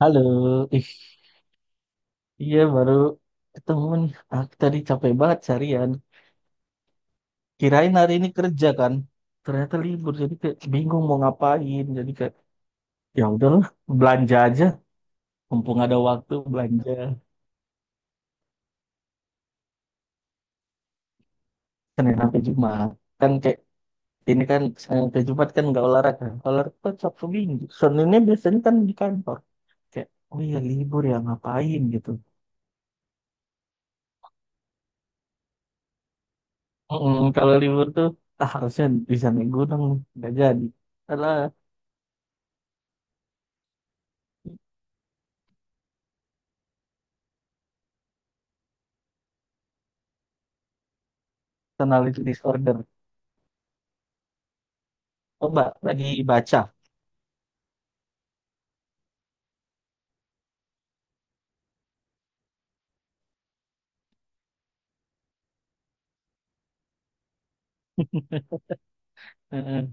Halo, ih, iya baru ketemu nih. Ah, tadi capek banget seharian. Kirain hari ini kerja kan, ternyata libur jadi kayak bingung mau ngapain. Jadi kayak ya udahlah belanja aja, mumpung ada waktu belanja Senin sampai Jumat. Kan kayak ini kan Senin sampai Jumat kan nggak olahraga, olahraga kan Sabtu Minggu. Seninnya biasanya kan di kantor. Kayak oh iya libur ya ngapain gitu. Kalau libur tuh ah, harusnya di sana gunung nggak jadi. Karena personality disorder. Oh, Mbak, lagi baca. Heeh.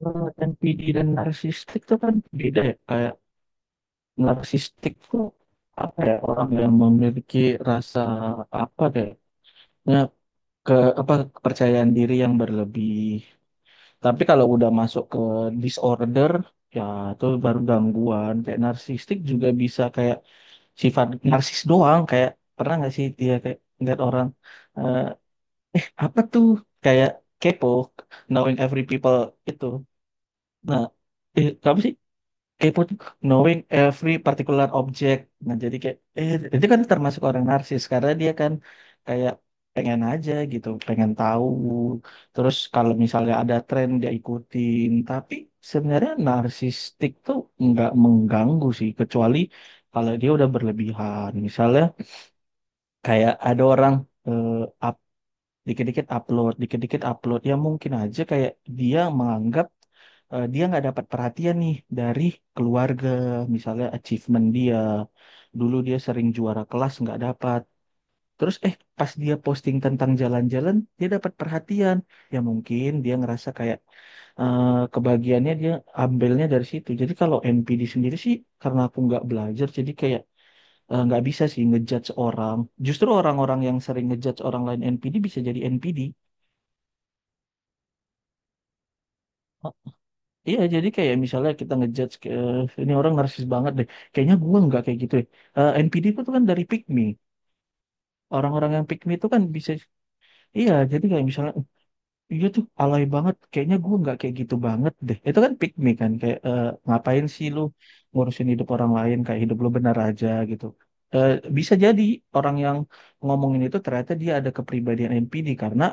Kalau NPD dan narsistik itu kan beda ya. Kayak narsistik tuh apa ya orang yang memiliki rasa apa deh, ya, ke apa kepercayaan diri yang berlebih. Tapi kalau udah masuk ke disorder, ya itu baru gangguan. Kayak narsistik juga bisa kayak sifat narsis doang. Kayak pernah nggak sih dia kayak ngeliat orang eh, apa tuh kayak kepo, knowing every people itu. Nah, apa sih? Kepo tuh knowing every particular object. Nah, jadi kayak itu kan termasuk orang narsis karena dia kan kayak pengen aja gitu, pengen tahu. Terus kalau misalnya ada tren dia ikutin, tapi sebenarnya narsistik tuh nggak mengganggu sih kecuali kalau dia udah berlebihan. Misalnya kayak ada orang eh, dikit-dikit upload, dikit-dikit upload. Ya mungkin aja kayak dia menganggap dia nggak dapat perhatian nih dari keluarga, misalnya achievement dia. Dulu dia sering juara kelas nggak dapat. Terus pas dia posting tentang jalan-jalan, dia dapat perhatian. Ya mungkin dia ngerasa kayak eh, kebagiannya dia ambilnya dari situ. Jadi kalau NPD sendiri sih karena aku nggak belajar, jadi kayak nggak bisa sih ngejudge orang. Justru orang-orang yang sering ngejudge orang lain NPD bisa jadi NPD. Iya, jadi kayak misalnya kita ngejudge ke ini orang narsis banget deh. Kayaknya gua nggak kayak gitu ya. Eh, NPD itu tuh kan dari pick me. Orang-orang yang pick me itu kan bisa iya, jadi kayak misalnya iya tuh, alay banget. Kayaknya gue nggak kayak gitu banget deh. Itu kan pick me kan, kayak eh, ngapain sih lu ngurusin hidup orang lain, kayak hidup lu benar aja gitu. Eh, bisa jadi orang yang ngomongin itu ternyata dia ada kepribadian NPD karena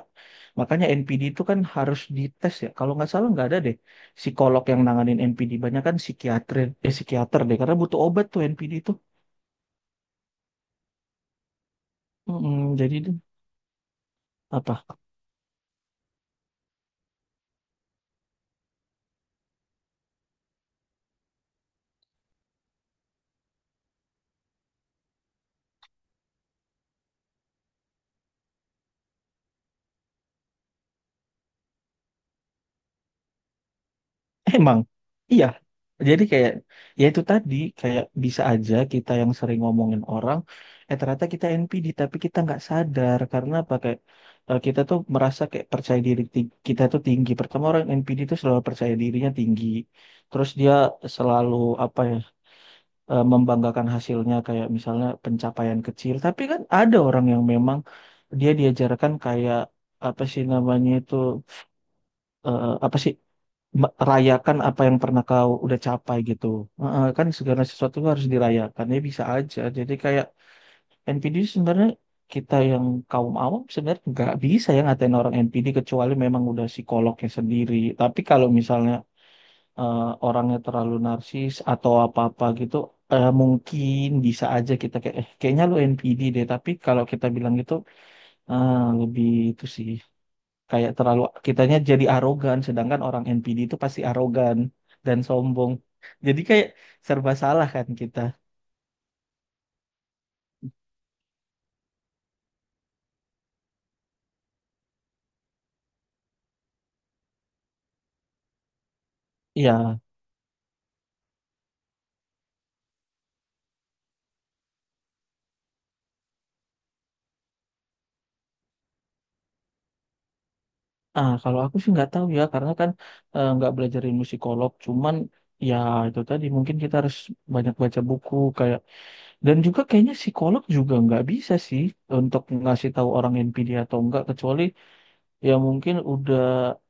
makanya NPD itu kan harus dites ya. Kalau nggak salah nggak ada deh psikolog yang nanganin NPD. Banyak kan psikiater, eh, psikiater deh karena butuh obat tuh NPD itu. Mm-mm, jadi deh, apa? Emang, iya. Jadi kayak, ya itu tadi, kayak bisa aja kita yang sering ngomongin orang, eh ternyata kita NPD, tapi kita nggak sadar. Karena apa? Kayak, kita tuh merasa kayak percaya diri kita tuh tinggi. Pertama orang NPD tuh selalu percaya dirinya tinggi. Terus dia selalu, apa ya, membanggakan hasilnya kayak misalnya pencapaian kecil. Tapi kan ada orang yang memang dia diajarkan kayak, apa sih namanya itu, apa sih rayakan apa yang pernah kau udah capai gitu. Heeh, kan segala sesuatu tuh harus dirayakan ya bisa aja. Jadi kayak NPD sebenarnya kita yang kaum awam sebenarnya nggak bisa ya ngatain orang NPD kecuali memang udah psikolognya sendiri. Tapi kalau misalnya orangnya terlalu narsis atau apa-apa gitu, mungkin bisa aja kita kayak eh, kayaknya lu NPD deh. Tapi kalau kita bilang gitu, ah, lebih itu sih kayak terlalu kitanya jadi arogan sedangkan orang NPD itu pasti arogan dan sombong jadi kayak serba salah kan kita ya ah kalau aku sih nggak tahu ya karena kan nggak belajar ilmu psikolog cuman ya itu tadi mungkin kita harus banyak baca buku kayak dan juga kayaknya psikolog juga nggak bisa sih untuk ngasih tahu orang NPD atau enggak kecuali ya mungkin udah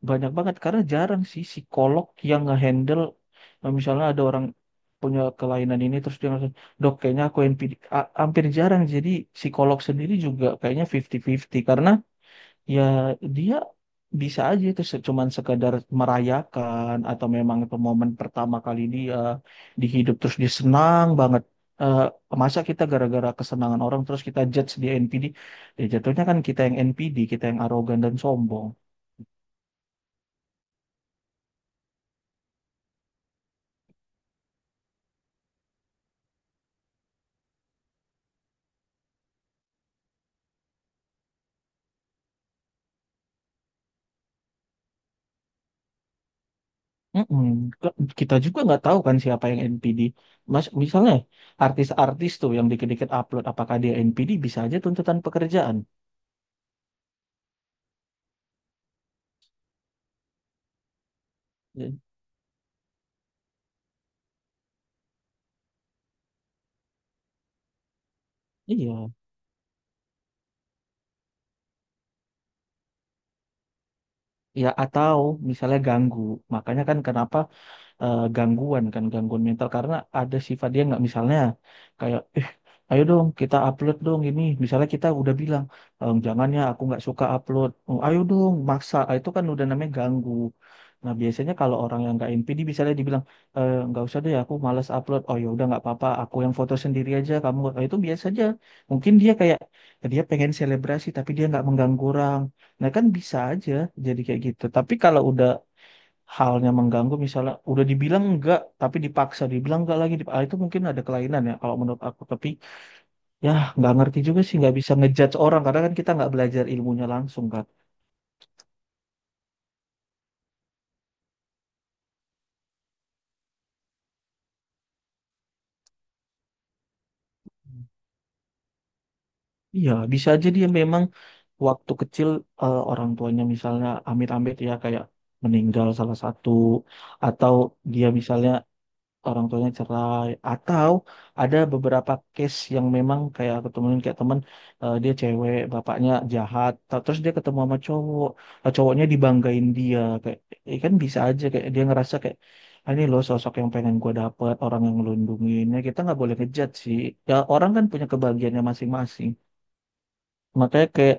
banyak banget karena jarang sih psikolog yang ngehandle misalnya ada orang punya kelainan ini terus dia langsung dok kayaknya aku NPD hampir jarang jadi psikolog sendiri juga kayaknya 50-50 karena ya dia bisa aja itu cuman sekadar merayakan atau memang itu momen pertama kali dia di hidup terus dia senang banget. Eh, masa kita gara-gara kesenangan orang terus kita judge dia NPD ya jatuhnya kan kita yang NPD kita yang arogan dan sombong. Mm-mm. Ke- Kita juga nggak tahu kan siapa yang NPD. Mas, misalnya artis-artis tuh yang dikit-dikit upload, apakah dia NPD bisa aja tuntutan pekerjaan. Ya, iya. Ya atau misalnya ganggu. Makanya kan kenapa gangguan kan gangguan mental karena ada sifat dia nggak misalnya kayak eh ayo dong kita upload dong ini misalnya kita udah bilang "Em, jangan ya aku nggak suka upload." Oh, ayo dong maksa. Ah, itu kan udah namanya ganggu nah biasanya kalau orang yang nggak NPD misalnya dibilang "Eh, nggak usah deh aku malas upload." Oh ya udah nggak apa-apa aku yang foto sendiri aja kamu. Ah, itu biasa aja mungkin dia kayak dia pengen selebrasi tapi dia nggak mengganggu orang. Nah kan bisa aja jadi kayak gitu. Tapi kalau udah halnya mengganggu misalnya udah dibilang enggak tapi dipaksa dibilang enggak lagi ah, itu mungkin ada kelainan ya kalau menurut aku tapi ya nggak ngerti juga sih nggak bisa ngejudge orang karena kan kita nggak belajar ilmunya langsung kan iya bisa aja dia memang waktu kecil orang tuanya misalnya amit-amit ya kayak meninggal salah satu atau dia misalnya orang tuanya cerai atau ada beberapa case yang memang kayak aku temuin kayak temen dia cewek bapaknya jahat terus dia ketemu sama cowok cowoknya dibanggain dia kayak kan bisa aja kayak dia ngerasa kayak "Ah, ini loh sosok yang pengen gue dapet orang yang ngelindungin." Ya kita nggak boleh ngejat sih ya orang kan punya kebahagiaannya masing-masing makanya kayak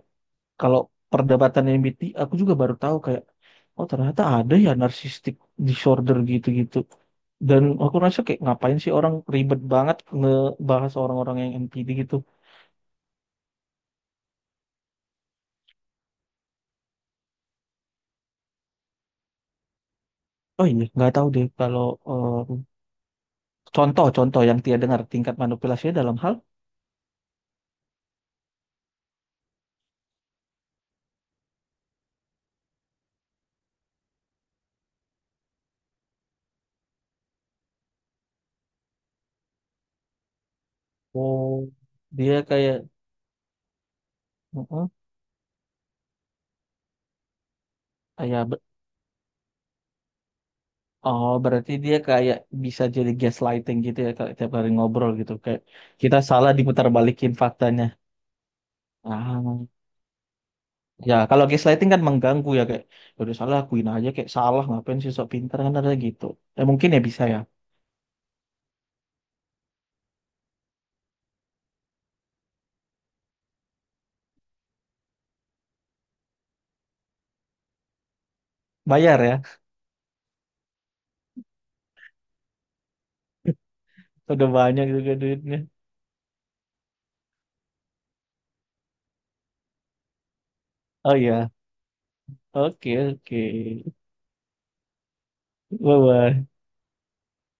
kalau perdebatan MBTI aku juga baru tahu kayak oh ternyata ada ya narcissistic disorder gitu-gitu dan aku rasa kayak ngapain sih orang ribet banget ngebahas orang-orang yang NPD gitu oh iya nggak tahu deh kalau eh, contoh-contoh yang dia dengar tingkat manipulasinya dalam hal oh dia kayak "Mm-mm," ah, ya oh berarti dia kayak bisa jadi gaslighting gitu ya kalau tiap hari ngobrol gitu kayak kita salah diputar balikin faktanya ah ya, kalau gaslighting kan mengganggu ya kayak "Ya udah salah akuin aja kayak salah ngapain sih sok pintar," kan ada gitu. Ya mungkin ya bisa ya. Bayar ya. Udah banyak juga duitnya. Oh iya. Oke, oke. Bye bye.